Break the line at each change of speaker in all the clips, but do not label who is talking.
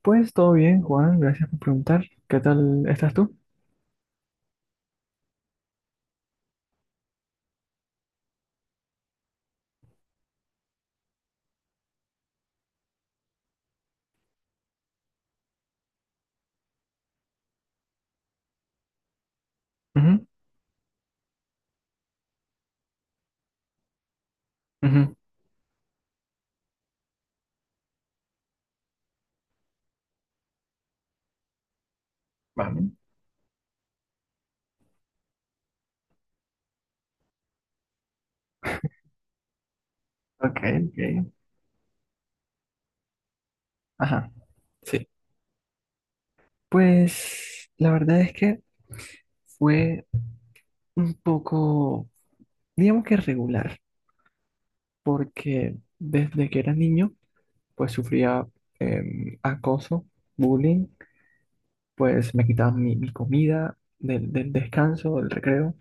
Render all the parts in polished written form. Pues todo bien, Juan, gracias por preguntar. ¿Qué tal estás tú? Ujú. Ujú. Vale. Ok, ok. Ajá. Sí. Pues la verdad es que fue un poco, digamos que regular, porque desde que era niño, pues sufría acoso, bullying, pues me quitaban mi comida del descanso, del recreo,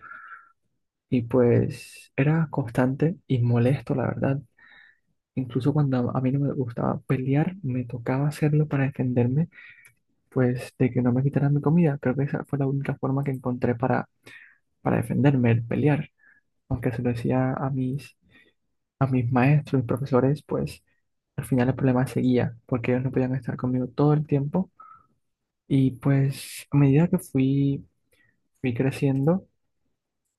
y pues era constante y molesto, la verdad. Incluso cuando a mí no me gustaba pelear, me tocaba hacerlo para defenderme, pues de que no me quitaran mi comida. Creo que esa fue la única forma que encontré para defenderme, el pelear. Aunque se lo decía a a mis maestros, mis profesores, pues al final el problema seguía, porque ellos no podían estar conmigo todo el tiempo. Y pues a medida que fui creciendo,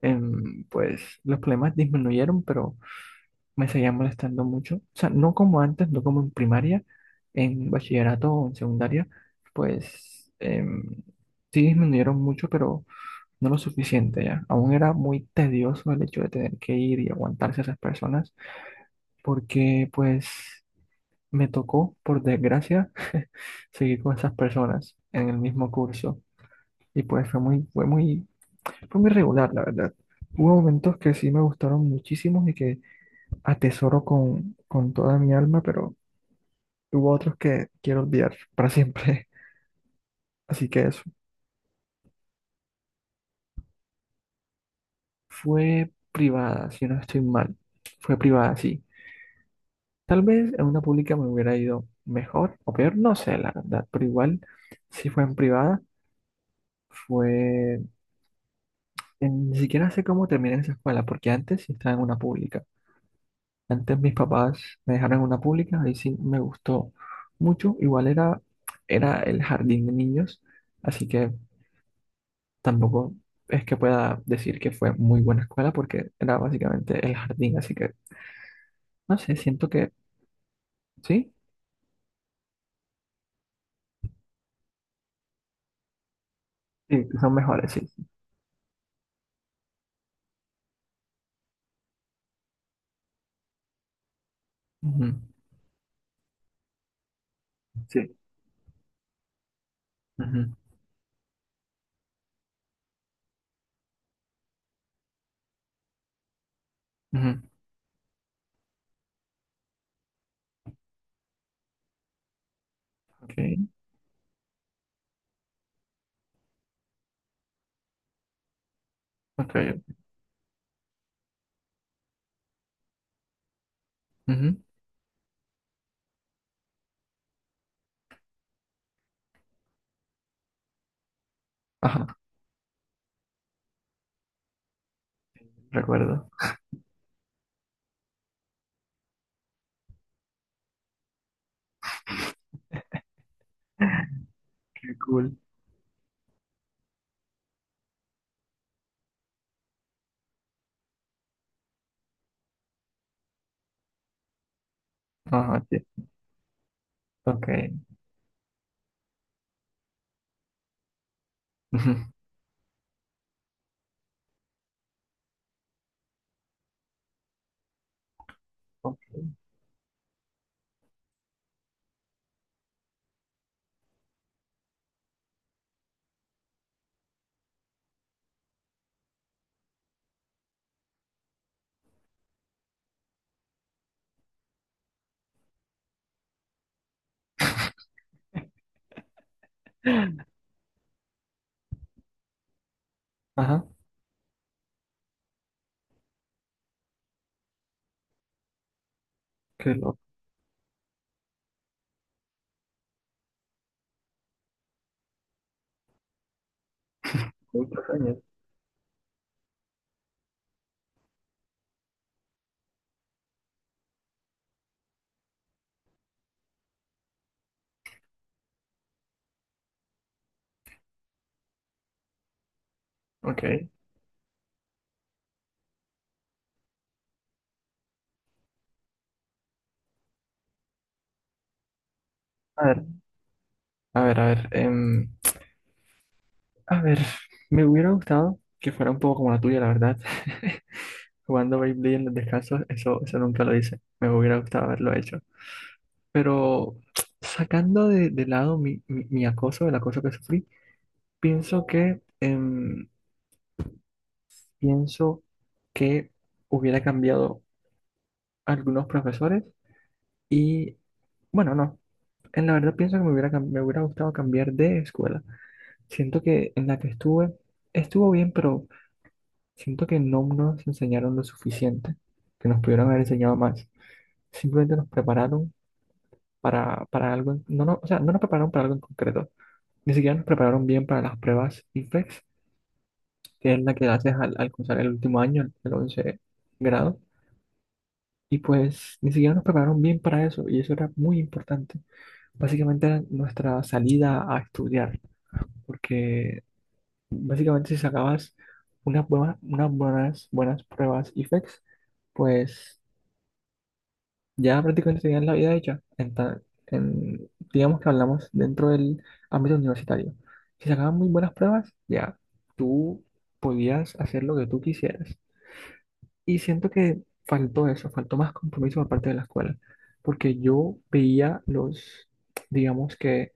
pues los problemas disminuyeron, pero me seguía molestando mucho. O sea, no como antes, no como en primaria, en bachillerato o en secundaria, pues sí disminuyeron mucho, pero no lo suficiente ya. Aún era muy tedioso el hecho de tener que ir y aguantarse a esas personas, porque pues me tocó, por desgracia, seguir con esas personas en el mismo curso. Y pues fue muy regular, la verdad. Hubo momentos que sí me gustaron muchísimo y que atesoro con toda mi alma, pero hubo otros que quiero olvidar para siempre. Así que eso. Fue privada, si no estoy mal. Fue privada, sí. Tal vez en una pública me hubiera ido mejor o peor, no sé, la verdad, pero igual, si fue en privada, fue... en- Ni siquiera sé cómo terminé en esa escuela, porque antes sí estaba en una pública. Antes mis papás me dejaron en una pública, ahí sí me gustó mucho. Igual era el jardín de niños, así que tampoco es que pueda decir que fue muy buena escuela porque era básicamente el jardín, así que no sé, siento que sí, sí, que son mejores, sí. Sí. Ujú. Sí. Ujú. Ujú. Ok, ok. Ujú. Ajá, recuerdo. Qué cool. Ajá, sí. Ok. Ujú. Ok. Ajá, qué loco. ¿Cuántos años? Ok. A ver, a ver, a ver. Em, a ver, me hubiera gustado que fuera un poco como la tuya, la verdad. Jugando Beyblade en los descansos, eso nunca lo hice. Me hubiera gustado haberlo hecho. Pero sacando de lado mi acoso, el acoso que sufrí, pienso que, em, pienso que hubiera cambiado algunos profesores y, bueno, no. En la verdad pienso que me hubiera, cam- me hubiera gustado cambiar de escuela. Siento que en la que estuve, estuvo bien, pero siento que no nos enseñaron lo suficiente, que nos pudieron haber enseñado más. Simplemente nos prepararon para algo, o sea, no nos prepararon para algo en concreto, ni siquiera nos prepararon bien para las pruebas IFEX, que es la que haces al alcanzar el último año, el 11 grado, y pues ni siquiera nos prepararon bien para eso, y eso era muy importante. Básicamente era nuestra salida a estudiar, porque básicamente si sacabas buenas pruebas IFEX, pues ya prácticamente tenían la vida hecha. En ta- en- digamos que hablamos dentro del ámbito universitario. Si sacaban muy buenas pruebas, ya tú podías hacer lo que tú quisieras. Y siento que faltó eso, faltó más compromiso por parte de la escuela, porque yo veía digamos que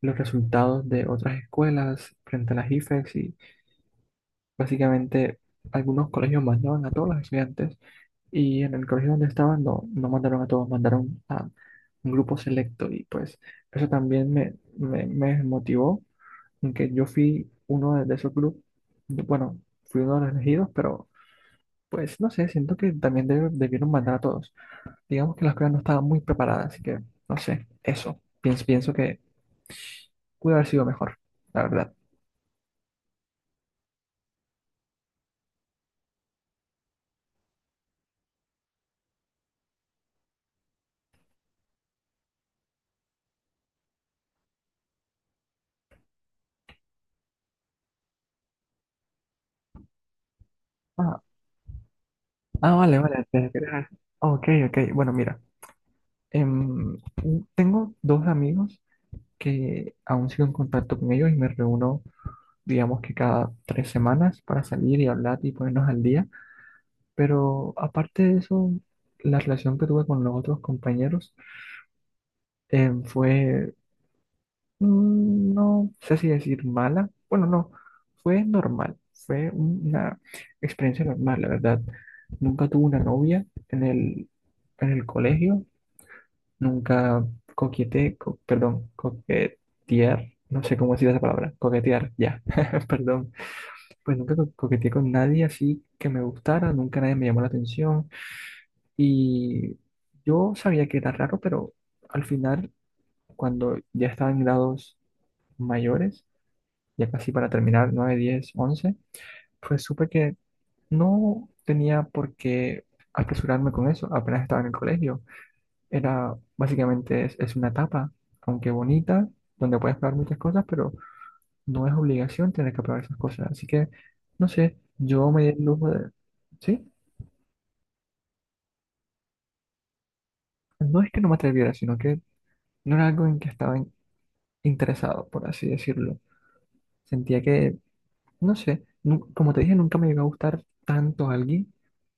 los resultados de otras escuelas frente a las IFES. Básicamente, algunos colegios mandaban a todos los estudiantes y en el colegio donde estaban no, no mandaron a todos, mandaron a un grupo selecto y pues eso también me motivó en que yo fui uno de esos grupos, bueno, fui uno de los elegidos, pero pues no sé, siento que también deb- debieron mandar a todos. Digamos que las pruebas no estaban muy preparadas, así que no sé, eso, pienso que pudo haber sido mejor, la verdad. Ah, ah, vale, vale, te- te- ah, ok, ok, bueno, mira. Em, Tengo dos amigos que aún sigo en contacto con ellos y me reúno, digamos que cada 3 semanas para salir y hablar y ponernos al día. Pero aparte de eso, la relación que tuve con los otros compañeros em, fue, no sé si decir mala, bueno, no, fue normal, fue una experiencia normal, la verdad. Nunca tuve una novia en en el colegio. Nunca coqueteé, co- perdón, coquetear, no sé cómo decir esa palabra, coquetear, ya, perdón. Pues nunca co- coqueteé con nadie así que me gustara, nunca nadie me llamó la atención. Y yo sabía que era raro, pero al final, cuando ya estaba en grados mayores, ya casi para terminar, 9, 10, 11, pues supe que no tenía por qué apresurarme con eso, apenas estaba en el colegio. Básicamente es una etapa, aunque bonita, donde puedes probar muchas cosas, pero no es obligación tener que probar esas cosas. Así que, no sé, yo me di el lujo de, ¿sí? No es que no me atreviera, sino que no era algo en que estaba in- interesado, por así decirlo. Sentía que, no sé, nu- como te dije, nunca me llegó a gustar tanto alguien.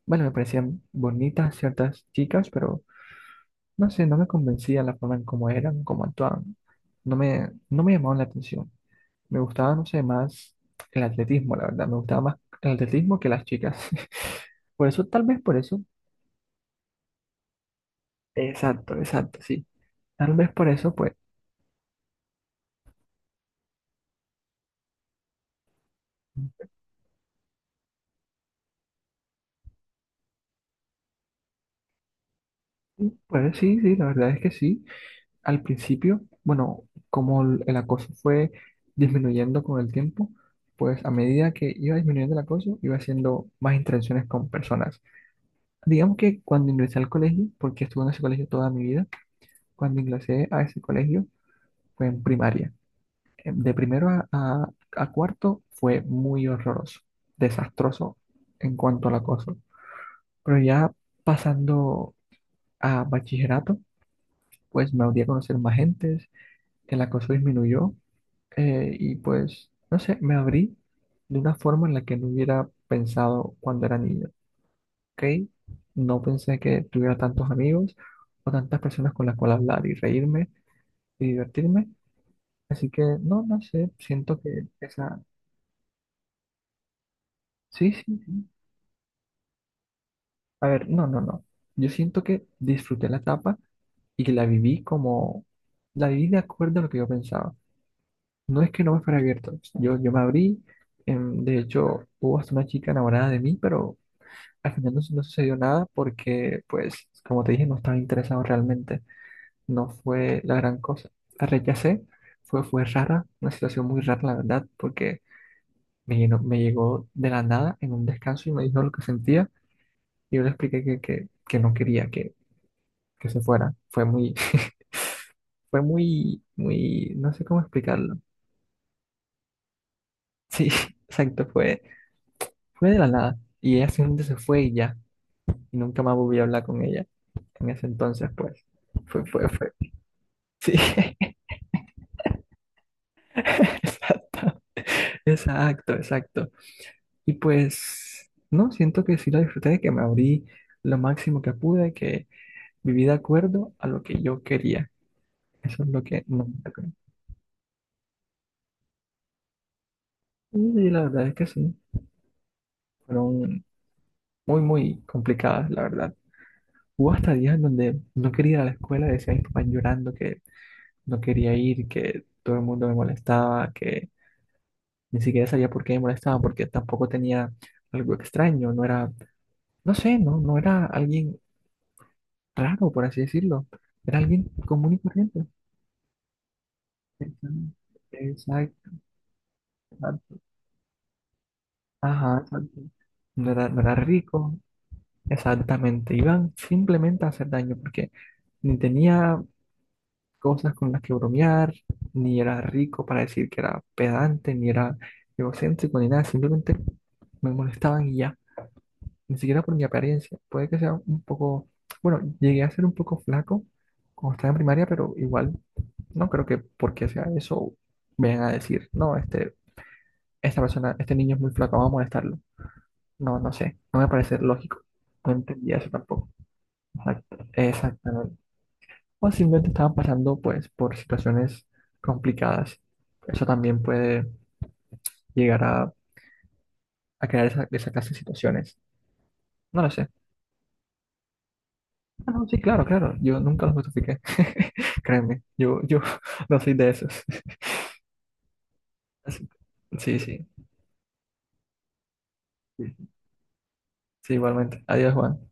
Bueno, me parecían bonitas ciertas chicas, pero no sé, no me convencía la forma en cómo eran, cómo actuaban. No me llamaban la atención. Me gustaba, no sé, más el atletismo, la verdad. Me gustaba más el atletismo que las chicas. Por eso, tal vez por eso. Exacto, exacto, sí. Tal vez por eso, pues. Pues sí, sí, la verdad es que sí. Al principio, bueno, como el acoso fue disminuyendo con el tiempo, pues a medida que iba disminuyendo el acoso, iba haciendo más interacciones con personas. Digamos que cuando ingresé al colegio, porque estuve en ese colegio toda mi vida, cuando ingresé a ese colegio fue en primaria. De primero a cuarto fue muy horroroso, desastroso en cuanto al acoso. Pero ya pasando a bachillerato, pues me abrí a conocer más gentes, el acoso disminuyó, y pues, no sé, me abrí de una forma en la que no hubiera pensado cuando era niño, ¿ok? No pensé que tuviera tantos amigos o tantas personas con las cuales hablar y reírme y divertirme. Así que, no, no sé, siento que esa... Sí, sí, sí. A ver, no, no, no. Yo siento que disfruté la etapa y que la viví como, la viví de acuerdo a lo que yo pensaba. No es que no me fuera abierto. Yo me abrí, de hecho, hubo hasta una chica enamorada de mí, pero al final no, su- no sucedió nada porque, pues, como te dije, no estaba interesado realmente. No fue la gran cosa. La rechacé, fue rara, una situación muy rara, la verdad, porque me, llenó- me llegó de la nada en un descanso y me dijo lo que sentía. Y yo le expliqué que no quería, que se fuera. Fue muy, no sé cómo explicarlo. Sí, exacto, fue de la nada. Y ella simplemente se fue y ya. Y nunca más volví a hablar con ella. En ese entonces, pues, fue. Sí, exacto, exacto. Y pues, no, siento que sí lo disfruté, que me abrí lo máximo que pude, que viví de acuerdo a lo que yo quería. Eso es lo que no me acuerdo. Y la verdad es que sí, fueron muy, muy complicadas, la verdad. Hubo hasta días en donde no quería ir a la escuela, decía a mis papás llorando que no quería ir, que todo el mundo me molestaba, que ni siquiera sabía por qué me molestaban, porque tampoco tenía algo extraño, no era, no sé, no, no era alguien raro, por así decirlo, era alguien común y corriente. Exacto, exacto, ajá, exacto. No era rico, exactamente, iban simplemente a hacer daño, porque ni tenía cosas con las que bromear, ni era rico para decir que era pedante, ni era egocéntrico, ni nada, simplemente me molestaban y ya, ni siquiera por mi apariencia. Puede que sea un poco, bueno, llegué a ser un poco flaco cuando estaba en primaria, pero igual no creo que porque sea eso vengan a decir, no, este, esta persona, este niño es muy flaco, vamos a molestarlo. No, no sé, no me parece lógico. No entendía eso tampoco. Exact- Exactamente. O simplemente estaban pasando pues por situaciones complicadas. Eso también puede llegar a crear esa clase de situaciones. No lo sé. Ah, no, sí, claro, claro. Yo nunca lo justifiqué. Créeme, yo no soy de esos. Así- Sí, sí. Sí, igualmente. Adiós, Juan.